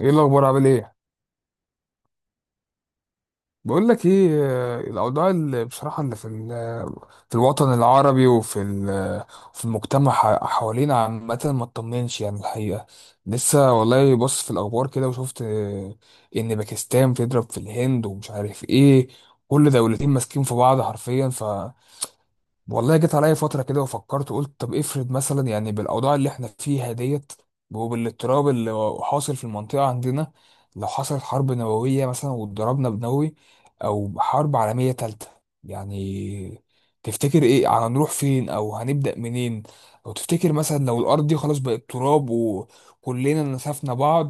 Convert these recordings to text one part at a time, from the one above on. ايه الاخبار عامل ايه؟ بقول لك ايه، الاوضاع اللي بصراحه اللي في الوطن العربي في المجتمع حوالينا عامه ما تطمنش، يعني الحقيقه لسه والله بص في الاخبار كده وشفت ان باكستان بتضرب في الهند ومش عارف ايه. كل دولتين ماسكين في بعض حرفيا. والله جيت عليا فترة كده وفكرت وقلت طب افرض مثلا، يعني بالأوضاع اللي احنا فيها ديت وبالاضطراب اللي حاصل في المنطقة عندنا، لو حصلت حرب نووية مثلا واتضربنا بنووي أو حرب عالمية تالتة، يعني تفتكر ايه؟ هنروح فين أو هنبدأ منين؟ أو تفتكر مثلا لو الأرض دي خلاص بقت تراب وكلنا نسفنا بعض،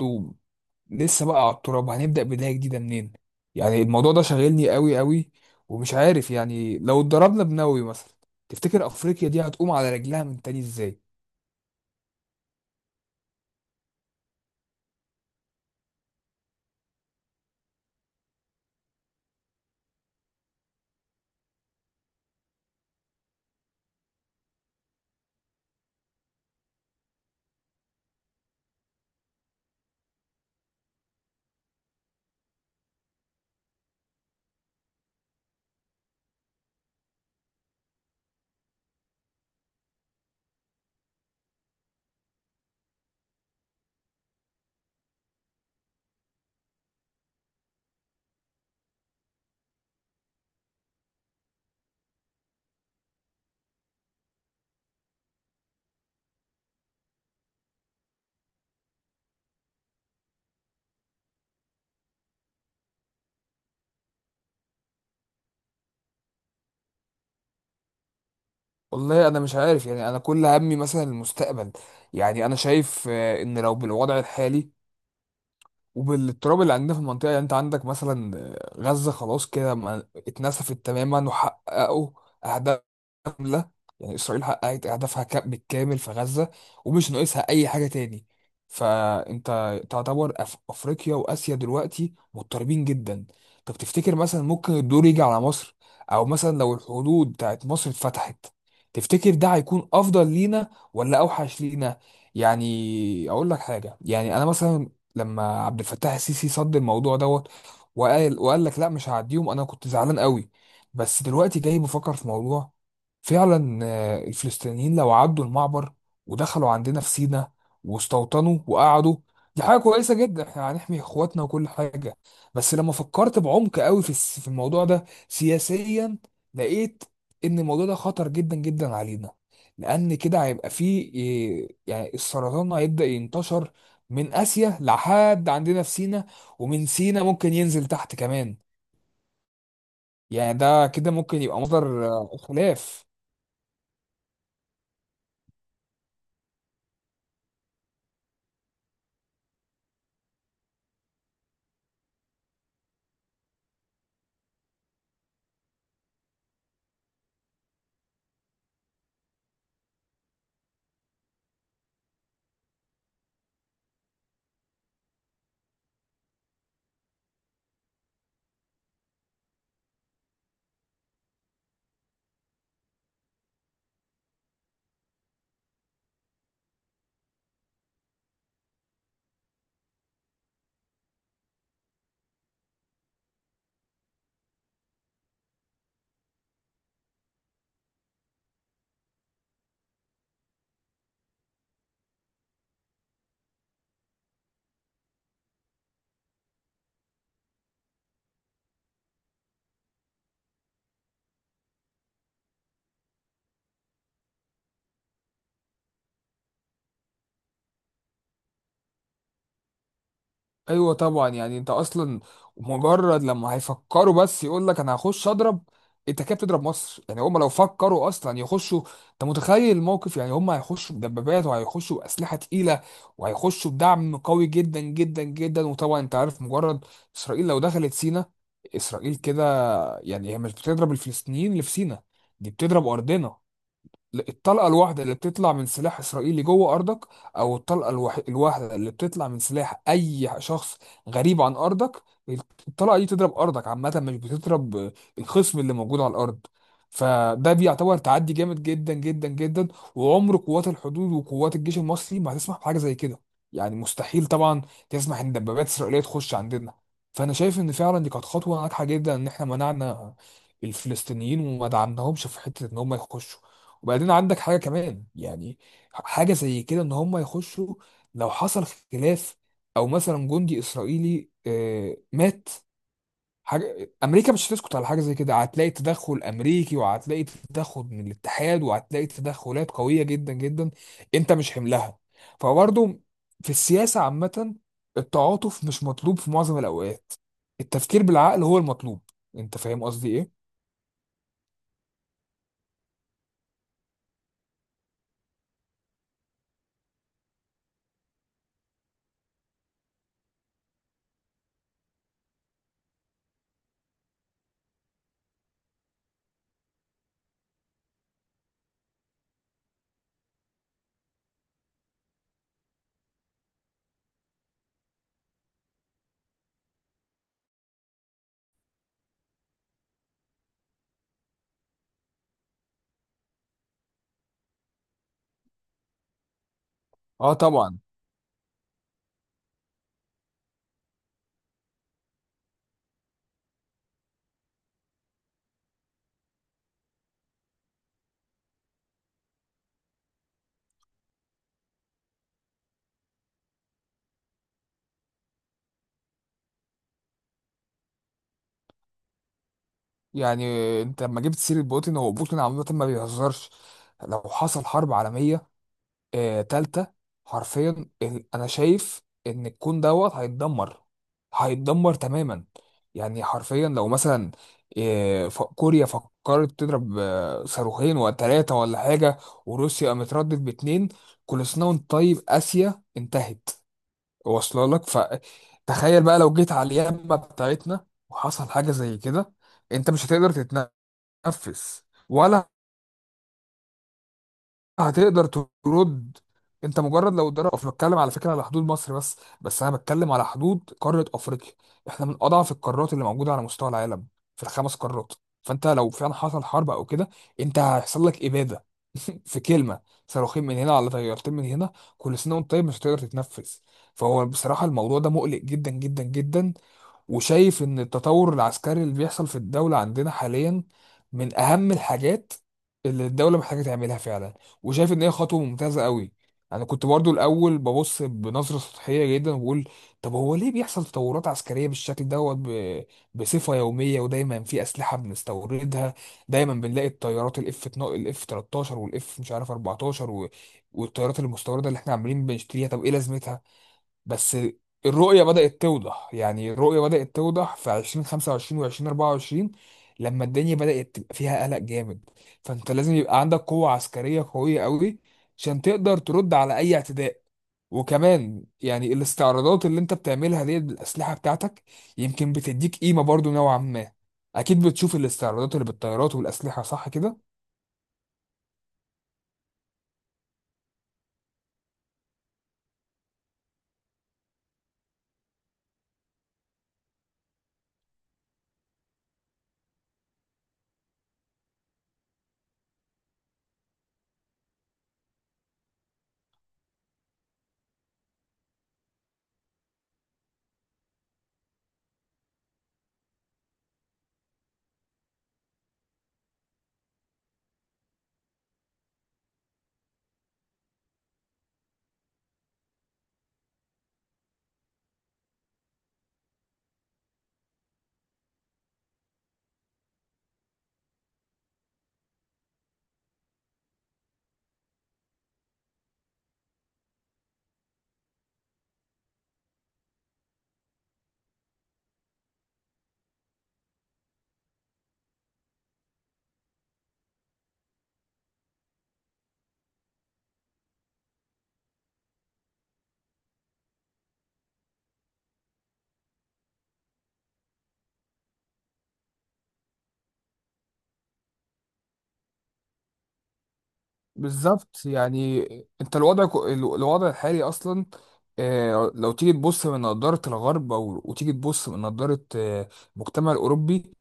لسه بقى على التراب هنبدأ بداية جديدة منين؟ يعني الموضوع ده شاغلني قوي قوي. ومش عارف يعني، لو اتضربنا بنووي مثلا تفتكر أفريقيا دي هتقوم على رجلها من تاني ازاي؟ والله انا مش عارف. يعني انا كل همي مثلا المستقبل. يعني انا شايف ان لو بالوضع الحالي وبالتراب اللي عندنا في المنطقة، يعني انت عندك مثلا غزة خلاص كده اتنسفت تماما وحققوا أهداف كاملة. يعني إسرائيل حققت أهدافها بالكامل في غزة، ومش ناقصها أي حاجة تاني. فأنت تعتبر أفريقيا وآسيا دلوقتي مضطربين جدا. طب تفتكر مثلا ممكن الدور يجي على مصر؟ أو مثلا لو الحدود بتاعت مصر اتفتحت، تفتكر ده هيكون أفضل لينا ولا أوحش لينا؟ يعني اقول لك حاجه، يعني انا مثلا لما عبد الفتاح السيسي صد الموضوع دوت، وقال لك لا مش هعديهم، انا كنت زعلان قوي. بس دلوقتي جاي بفكر في موضوع، فعلا الفلسطينيين لو عدوا المعبر ودخلوا عندنا في سيناء واستوطنوا وقعدوا، دي حاجة كويسة جدا، احنا هنحمي اخواتنا وكل حاجة. بس لما فكرت بعمق قوي في الموضوع ده سياسيا، لقيت ان الموضوع ده خطر جدا جدا علينا، لان كده هيبقى فيه إيه، يعني السرطان هيبدأ ينتشر من آسيا لحد عندنا في سينا، ومن سينا ممكن ينزل تحت كمان. يعني ده كده ممكن يبقى مصدر خلاف. ايوه طبعا. يعني انت اصلا، مجرد لما هيفكروا بس يقول لك انا هخش اضرب، انت كده بتضرب مصر. يعني هم لو فكروا اصلا يخشوا، انت متخيل الموقف؟ يعني هم هيخشوا بدبابات وهيخشوا باسلحه تقيله وهيخشوا بدعم قوي جدا جدا جدا، وطبعا انت عارف مجرد اسرائيل لو دخلت سينا، اسرائيل كده، يعني هي مش بتضرب الفلسطينيين اللي في سينا، دي بتضرب أرضنا. الطلقة الواحدة اللي بتطلع من سلاح إسرائيلي جوه أرضك، أو الطلقة الواحدة اللي بتطلع من سلاح أي شخص غريب عن أرضك، الطلقة دي تضرب أرضك عامة، مش بتضرب الخصم اللي موجود على الأرض. فده بيعتبر تعدي جامد جدا جدا جدا. وعمر قوات الحدود وقوات الجيش المصري ما هتسمح بحاجة زي كده. يعني مستحيل طبعا تسمح إن دبابات إسرائيلية تخش عندنا. فأنا شايف إن فعلا دي كانت خطوة ناجحة جدا، إن إحنا منعنا الفلسطينيين وما دعمناهمش في حتة إن هم يخشوا. وبعدين عندك حاجة كمان، يعني حاجة زي كده ان هم يخشوا، لو حصل خلاف او مثلا جندي اسرائيلي مات، حاجة امريكا مش هتسكت على حاجة زي كده. هتلاقي تدخل امريكي وهتلاقي تدخل من الاتحاد وهتلاقي تدخلات قوية جدا جدا، انت مش حملها. فبرضه في السياسة عامة، التعاطف مش مطلوب في معظم الاوقات، التفكير بالعقل هو المطلوب. انت فاهم قصدي ايه؟ اه طبعا. يعني انت لما جبت سيرة بوتين، هو بوتين عامة ما بيهزرش. لو حصل حرب عالمية تالتة، حرفيا انا شايف ان الكون دوت هيتدمر، هيتدمر تماما. يعني حرفيا لو مثلا كوريا فكرت تضرب صاروخين ولا تلاتة ولا حاجة، وروسيا قامت ردت باتنين، كل سنة وانت طيب، آسيا انتهت، واصلة لك. فتخيل بقى لو جيت على اليمة بتاعتنا وحصل حاجة زي كده، انت مش هتقدر تتنفس نفس ولا هتقدر ترد. انت مجرد لو الدوري الافريقي، بتكلم على فكره على حدود مصر بس، بس انا بتكلم على حدود قاره افريقيا، احنا من اضعف القارات اللي موجوده على مستوى العالم في الخمس قارات. فانت لو فعلا حصل حرب او كده، انت هيحصل لك اباده في كلمه. صاروخين من هنا على طيارتين من هنا، كل سنه وانت طيب مش هتقدر تتنفذ. فهو بصراحه الموضوع ده مقلق جدا جدا جدا. وشايف ان التطور العسكري اللي بيحصل في الدولة عندنا حاليا من اهم الحاجات اللي الدولة محتاجة تعملها فعلا، وشايف ان هي خطوه ممتازه قوي. انا كنت برضو الاول ببص بنظره سطحيه جدا وبقول طب هو ليه بيحصل تطورات عسكريه بالشكل دوت بصفه يوميه ودايما في اسلحه بنستوردها، دايما بنلاقي الطيارات الاف 13 والاف مش عارف 14 و... والطيارات المستورده اللي احنا عاملين بنشتريها، طب ايه لازمتها؟ بس الرؤية بدأت توضح، يعني الرؤية بدأت توضح في 2025 و 2024، لما الدنيا بدأت تبقى فيها قلق جامد. فأنت لازم يبقى عندك قوة عسكرية قوية قوي عشان تقدر ترد على أي اعتداء. وكمان يعني الاستعراضات اللي انت بتعملها دي بالأسلحة بتاعتك، يمكن بتديك قيمة برضو نوعا ما. أكيد بتشوف الاستعراضات اللي بالطيارات والأسلحة، صح كده؟ بالظبط. يعني انت الوضع الوضع الحالي اصلا، لو تيجي تبص من نظارة الغرب او وتيجي تبص من نظارة المجتمع الاوروبي،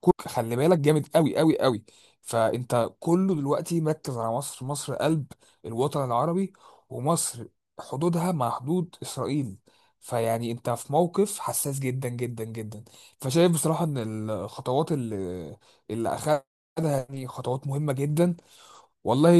خلي بالك جامد قوي قوي قوي. فانت كله دلوقتي مركز على مصر، مصر قلب الوطن العربي، ومصر حدودها مع حدود اسرائيل. فيعني انت في موقف حساس جدا جدا جدا. فشايف بصراحة ان الخطوات اللي اخدها يعني خطوات مهمة جدا. والله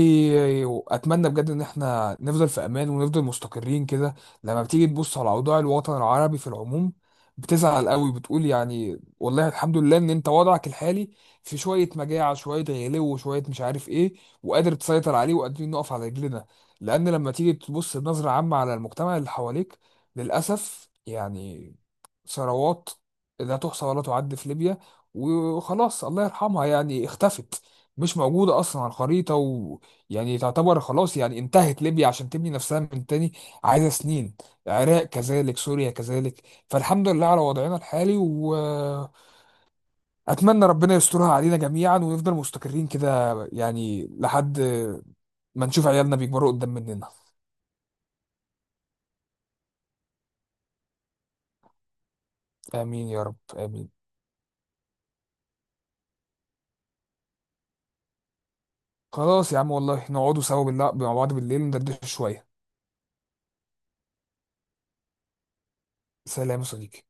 اتمنى بجد ان احنا نفضل في امان ونفضل مستقرين كده. لما بتيجي تبص على اوضاع الوطن العربي في العموم، بتزعل قوي، بتقول يعني والله الحمد لله ان انت وضعك الحالي، في شويه مجاعه شويه غلو وشويه مش عارف ايه، وقادر تسيطر عليه وقادرين نقف على رجلنا. لان لما تيجي تبص بنظره عامه على المجتمع اللي حواليك، للاسف يعني ثروات لا تحصى ولا تعد في ليبيا، وخلاص الله يرحمها يعني اختفت، مش موجودة أصلا على الخريطة، ويعني تعتبر خلاص يعني انتهت ليبيا. عشان تبني نفسها من تاني عايزة سنين. العراق كذلك، سوريا كذلك. فالحمد لله على وضعنا الحالي، وأتمنى ربنا يسترها علينا جميعا ونفضل مستقرين كده، يعني لحد ما نشوف عيالنا بيكبروا قدام مننا. آمين يا رب آمين. خلاص يا عم والله نقعدوا سوا بالله مع بعض بالليل، ندردش شوية. سلام يا صديقي.